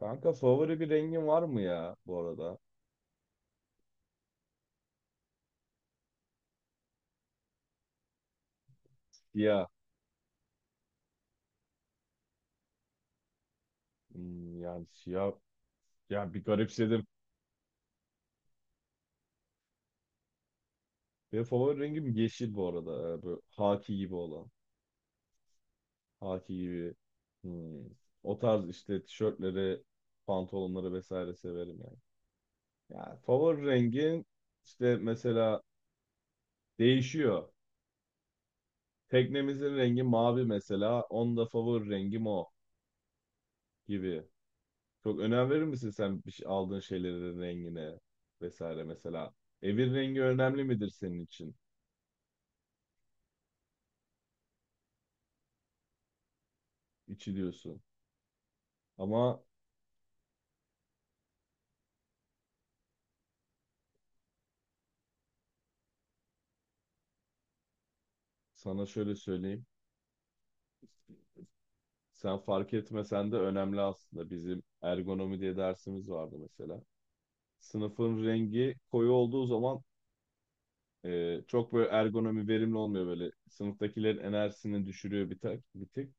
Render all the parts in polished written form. Kanka, favori bir rengin var mı ya bu arada? Siyah. Yani siyah. Yani bir garipsedim. Benim favori rengim yeşil bu arada. Böyle haki gibi olan. Haki gibi. Hmm. O tarz işte tişörtleri, pantolonları vesaire severim yani. Yani favori rengin işte mesela değişiyor. Teknemizin rengi mavi mesela. Onun da favori rengim o gibi. Çok önem verir misin sen aldığın şeylerin rengine vesaire mesela? Evin rengi önemli midir senin için? İçi diyorsun. Ama sana şöyle söyleyeyim. Sen fark etmesen de önemli aslında. Bizim ergonomi diye dersimiz vardı mesela. Sınıfın rengi koyu olduğu zaman çok böyle ergonomi verimli olmuyor böyle. Sınıftakilerin enerjisini düşürüyor bir tek.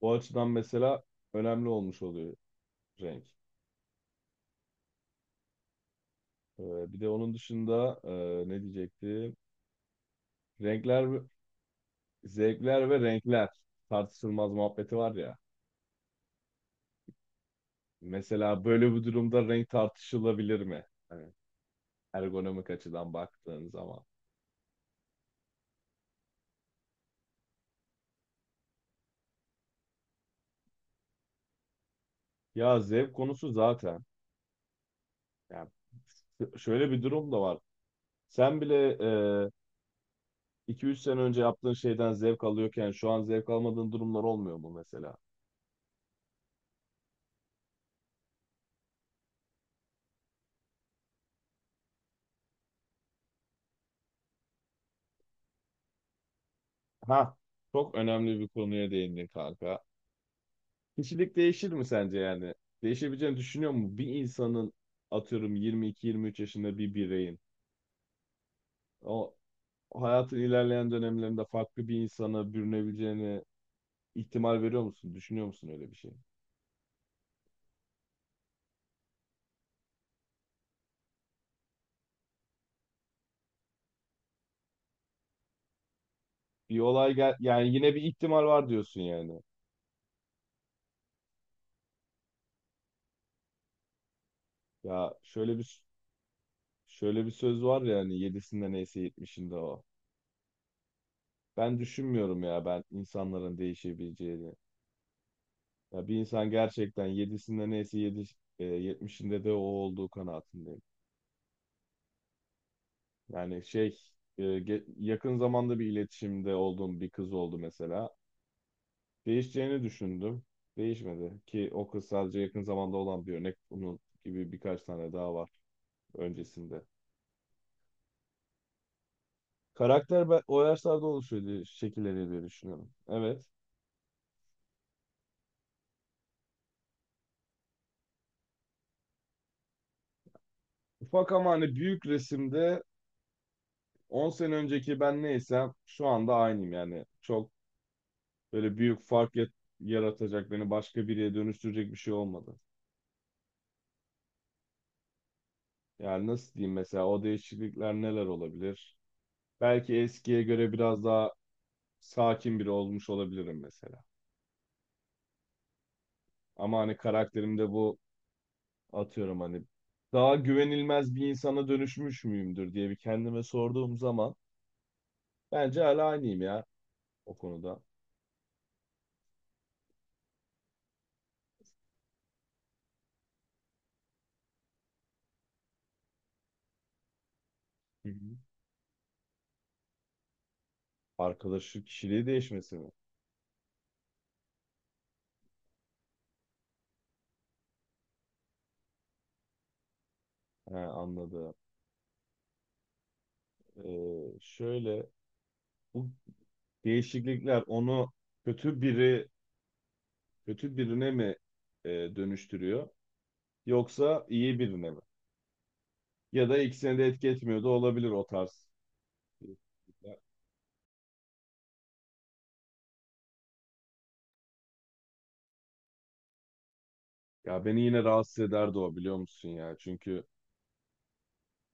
O açıdan mesela önemli olmuş oluyor renk. E, Bir de onun dışında ne diyecektim? Renkler, ve- Zevkler ve renkler tartışılmaz muhabbeti var ya. Mesela böyle bir durumda renk tartışılabilir mi? Hani ergonomik açıdan baktığın zaman. Ya zevk konusu zaten. Yani şöyle bir durum da var. Sen bile 2 3 sene önce yaptığın şeyden zevk alıyorken şu an zevk almadığın durumlar olmuyor mu mesela? Ha, çok önemli bir konuya değindin kanka. Kişilik değişir mi sence yani? Değişebileceğini düşünüyor mu? Bir insanın, atıyorum, 22-23 yaşında bir bireyin, o hayatın ilerleyen dönemlerinde farklı bir insana bürünebileceğine ihtimal veriyor musun? Düşünüyor musun öyle bir şey? Bir olay gel, yani yine bir ihtimal var diyorsun yani. Ya şöyle bir Şöyle bir söz var ya, hani yedisinde neyse yetmişinde o. Ben düşünmüyorum ya, ben insanların değişebileceğini. Ya bir insan gerçekten yedisinde neyse yedi, yetmişinde de o olduğu kanaatindeyim. Yani yakın zamanda bir iletişimde olduğum bir kız oldu mesela. Değişeceğini düşündüm. Değişmedi ki. O kız sadece yakın zamanda olan bir örnek. Bunun gibi birkaç tane daha var öncesinde. Karakter, ben o yaşlarda oluşuyor diye, şekilleniyor diye düşünüyorum. Evet. Ufak ama hani büyük resimde 10 sene önceki ben neysem şu anda aynıyım yani. Çok böyle büyük yaratacak, beni başka biriye dönüştürecek bir şey olmadı. Yani nasıl diyeyim, mesela o değişiklikler neler olabilir? Belki eskiye göre biraz daha sakin biri olmuş olabilirim mesela. Ama hani karakterimde bu, atıyorum hani, daha güvenilmez bir insana dönüşmüş müyümdür diye bir kendime sorduğum zaman bence hala aynıyım ya o konuda. Hı hı. Arkadaşlık kişiliği değişmesi mi? He, anladım. Şöyle, bu değişiklikler onu kötü biri kötü birine mi dönüştürüyor, yoksa iyi birine mi? Ya da ikisine de etki etmiyor da olabilir o tarz. Ya beni yine rahatsız ederdi o, biliyor musun ya? Çünkü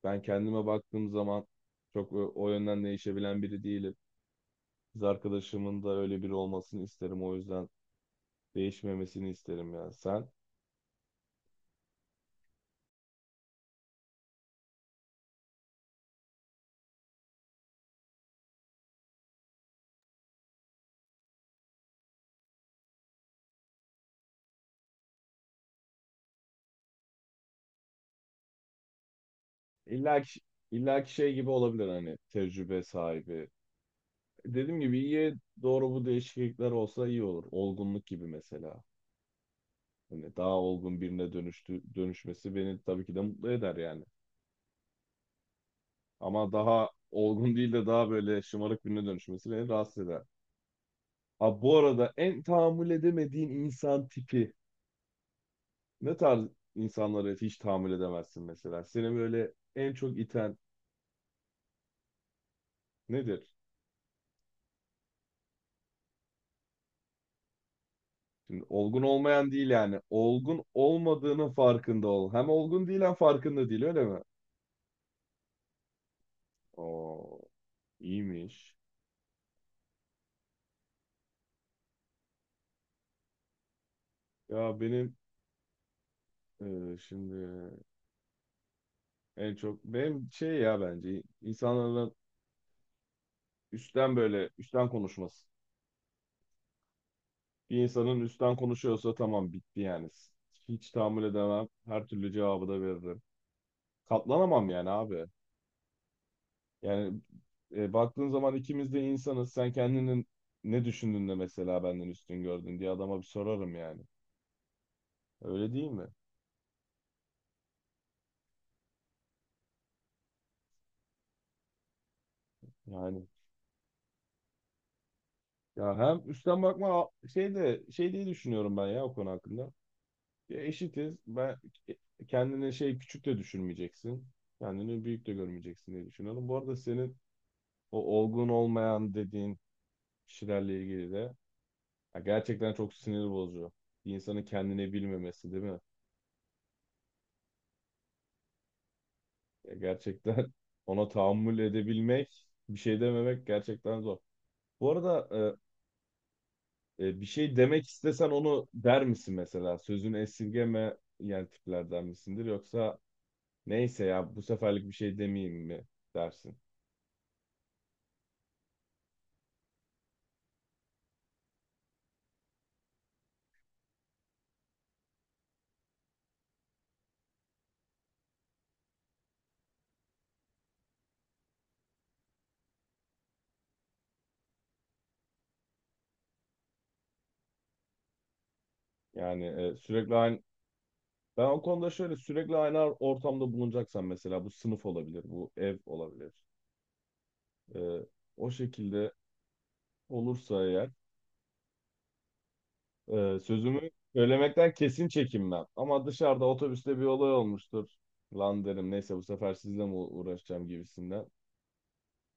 ben kendime baktığım zaman çok o yönden değişebilen biri değilim. Kız arkadaşımın da öyle biri olmasını isterim. O yüzden değişmemesini isterim ya. Sen. illa ki, illa ki şey gibi olabilir, hani tecrübe sahibi. Dediğim gibi iyiye doğru bu değişiklikler olsa iyi olur. Olgunluk gibi mesela. Hani daha olgun birine dönüştü, dönüşmesi beni tabii ki de mutlu eder yani. Ama daha olgun değil de daha böyle şımarık birine dönüşmesi beni rahatsız eder. Abi bu arada en tahammül edemediğin insan tipi, ne tarz insanları hiç tahammül edemezsin mesela? Seni böyle en çok iten nedir? Şimdi olgun olmayan değil yani. Olgun olmadığının farkında ol. Hem olgun değil hem farkında değil, öyle mi? Oo, iyiymiş. Ya benim e, şimdi En çok benim bence insanların üstten, böyle üstten konuşması. Bir insanın üstten konuşuyorsa, tamam, bitti yani. Hiç tahammül edemem. Her türlü cevabı da veririm. Katlanamam yani abi. Yani baktığın zaman ikimiz de insanız. Sen kendini ne düşündün de mesela benden üstün gördün diye adama bir sorarım yani. Öyle değil mi? Yani ya hem üstten bakma a- şey de şey diye düşünüyorum ben ya o konu hakkında. Ya eşitiz. Kendini küçük de düşürmeyeceksin. Kendini büyük de görmeyeceksin diye düşünüyorum. Bu arada senin o olgun olmayan dediğin kişilerle ilgili de, ya gerçekten çok sinir bozucu. Bir insanın kendini bilmemesi, değil mi? Ya gerçekten ona tahammül edebilmek, bir şey dememek gerçekten zor. Bu arada, bir şey demek istesen onu der misin mesela? Sözünü esirgeme yani tiplerden misindir, yoksa neyse ya bu seferlik bir şey demeyeyim mi dersin? Yani e, sürekli aynı Ben o konuda şöyle, sürekli aynı ortamda bulunacaksam mesela, bu sınıf olabilir, bu ev olabilir. E, O şekilde olursa eğer, sözümü söylemekten kesin çekinmem. Ama dışarıda otobüste bir olay olmuştur. Lan derim, neyse bu sefer, sizle mi uğraşacağım gibisinden.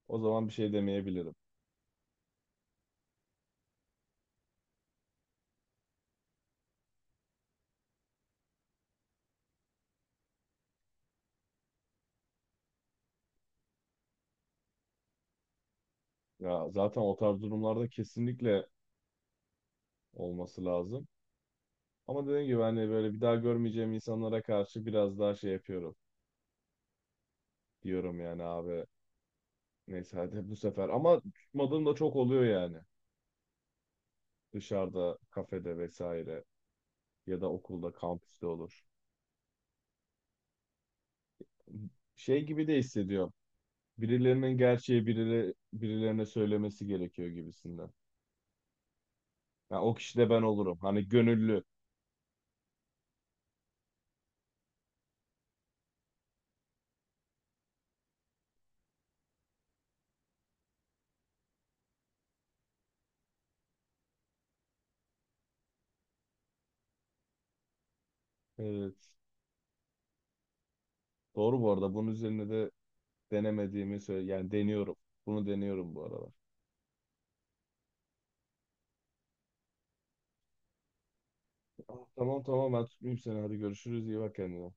O zaman bir şey demeyebilirim. Ya zaten o tarz durumlarda kesinlikle olması lazım. Ama dediğim gibi hani böyle bir daha görmeyeceğim insanlara karşı biraz daha şey yapıyorum. Diyorum yani abi, neyse hadi bu sefer. Ama tutmadığım da çok oluyor yani. Dışarıda, kafede vesaire, ya da okulda, kampüste olur. Şey gibi de hissediyorum. Birilerinin gerçeği birilerine söylemesi gerekiyor gibisinden. Yani o kişi de ben olurum. Hani gönüllü. Evet. Doğru bu arada. Bunun üzerine de denemediğimi söyle. Yani deniyorum. Bunu deniyorum bu aralar. Ah, tamam tamam, ben tutmayayım seni. Hadi görüşürüz. İyi bak kendine.